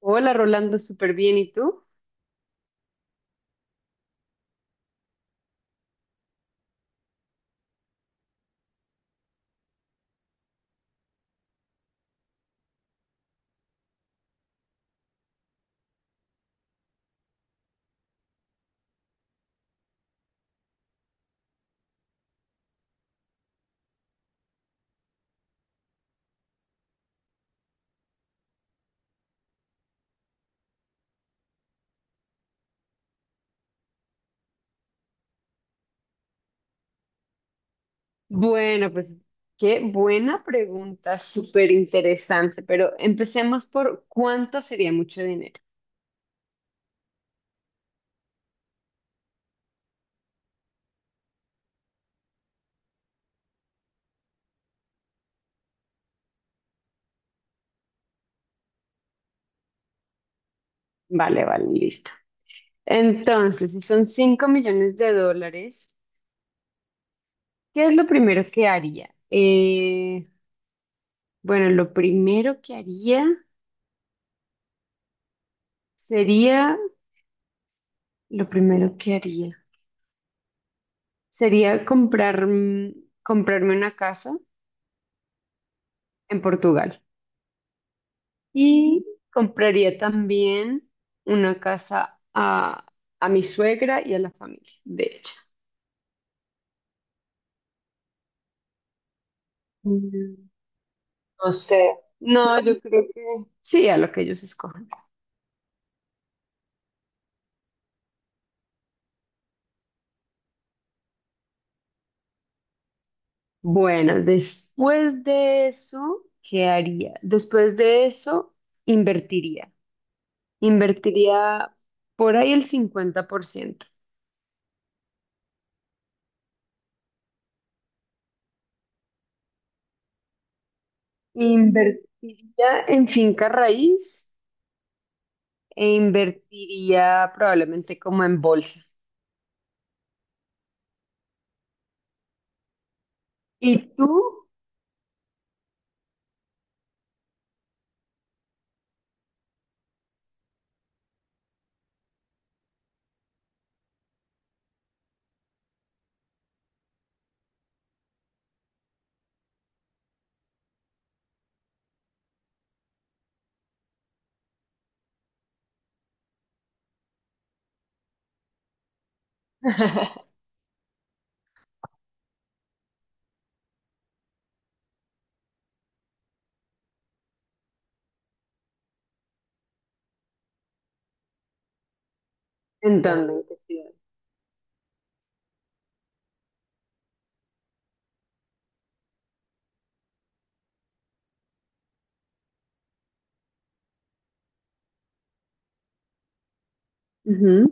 Hola Rolando, súper bien. ¿Y tú? Bueno, pues qué buena pregunta, súper interesante, pero empecemos por cuánto sería mucho dinero. Vale, vale, listo. Entonces, si son $5 millones, ¿qué es lo primero que haría? Bueno, lo primero que haría sería, lo primero que haría sería comprar, comprarme una casa en Portugal. Y compraría también una casa a mi suegra y a la familia de ella. Mm, no sé. No, yo creo que sí, a lo que ellos escojan. Bueno, después de eso, ¿qué haría? Después de eso, invertiría. Invertiría por ahí el 50%. Invertiría en finca raíz e invertiría probablemente como en bolsa. ¿Y tú? Entienden que sí. Ujú.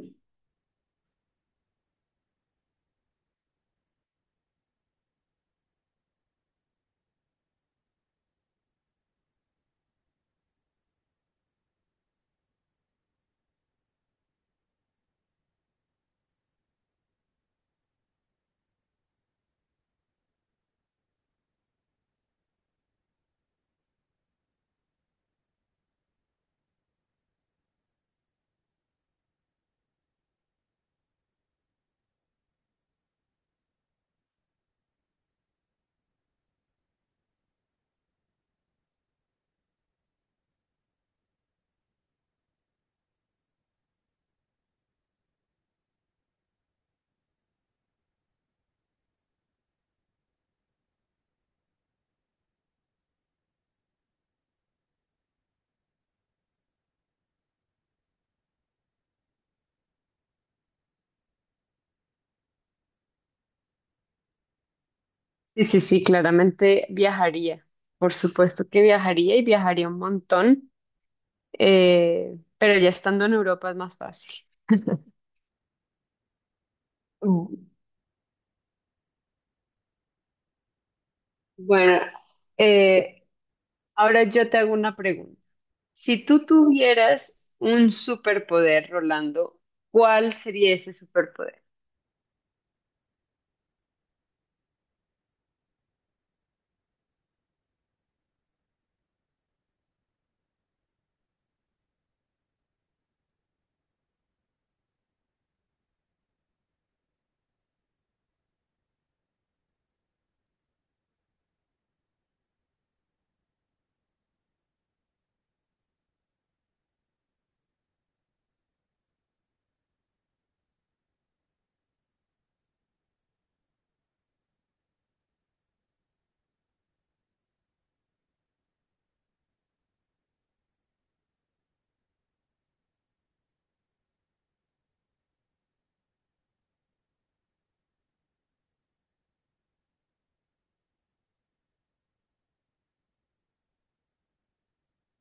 Sí, sí, sí, claramente viajaría. Por supuesto que viajaría y viajaría un montón, pero ya estando en Europa es más fácil. Mm. Bueno, eh, ahora yo te hago una pregunta. Si tú tuvieras un superpoder, Rolando, ¿cuál sería ese superpoder?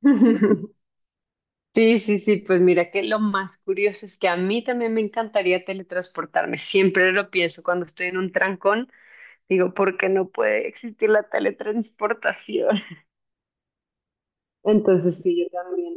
Sí, sí, sí, pues mira que lo más curioso es que a mí también me encantaría teletransportarme. Siempre lo pienso cuando estoy en un trancón. Digo, porque no puede existir la teletransportación. Entonces, sí, yo también.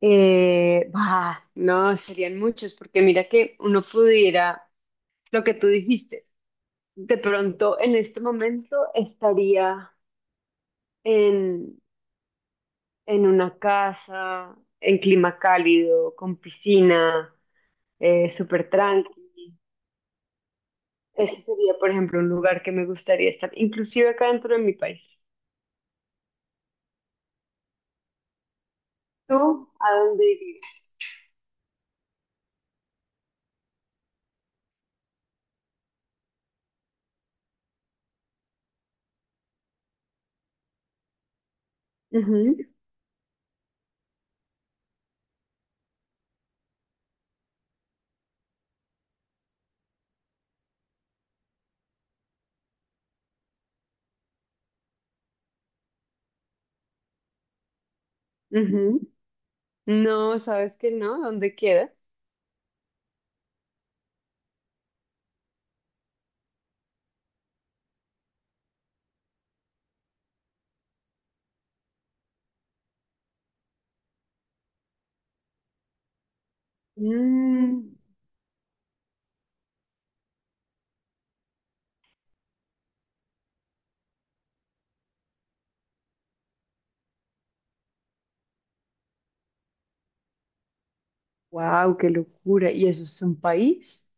Bah, no, serían muchos, porque mira que uno pudiera, lo que tú dijiste, de pronto en este momento estaría en, en una casa, en clima cálido, con piscina, súper tranqui. Ese sería, por ejemplo, un lugar que me gustaría estar, inclusive acá dentro de mi país. ¿Tú a dónde irías? Ujú, ujú. No, ¿sabes que no? ¿Dónde queda? Mm, wow, qué locura. ¿Y eso es un país?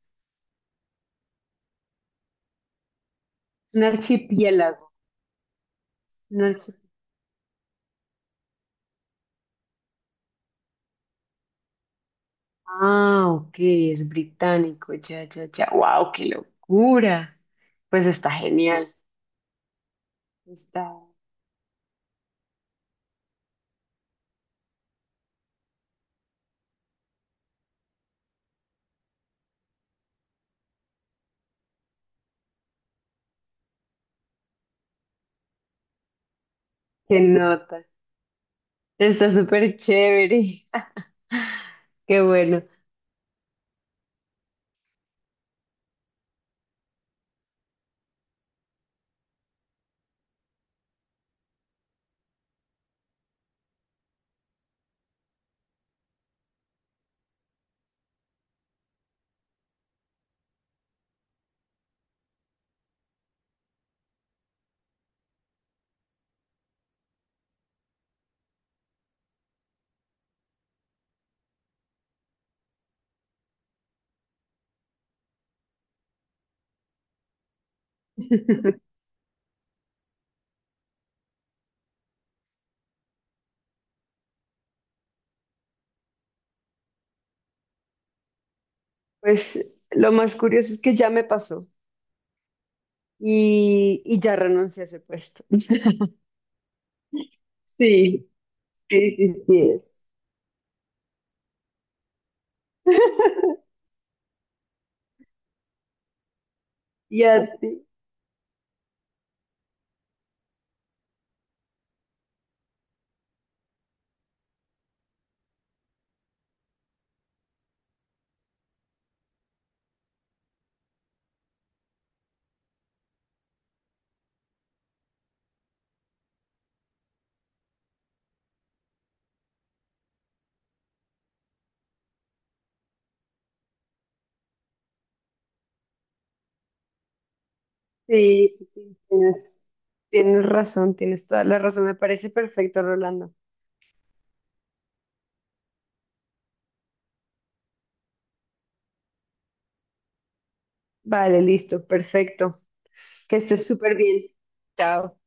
Es un archipiélago. un archi- Ah, ok, es británico. Ya, ya, ya. Wow, qué locura. Pues está genial. Está, qué nota. Está súper chévere. Qué bueno. Pues lo más curioso es que ya me pasó y ya renuncié a ese puesto. Sí, sí, sí, sí es. Ya, sí, sí, sí, sí, tienes, tienes razón, tienes toda la razón. Me parece perfecto, Rolando. Vale, listo, perfecto. Que estés súper bien. Chao.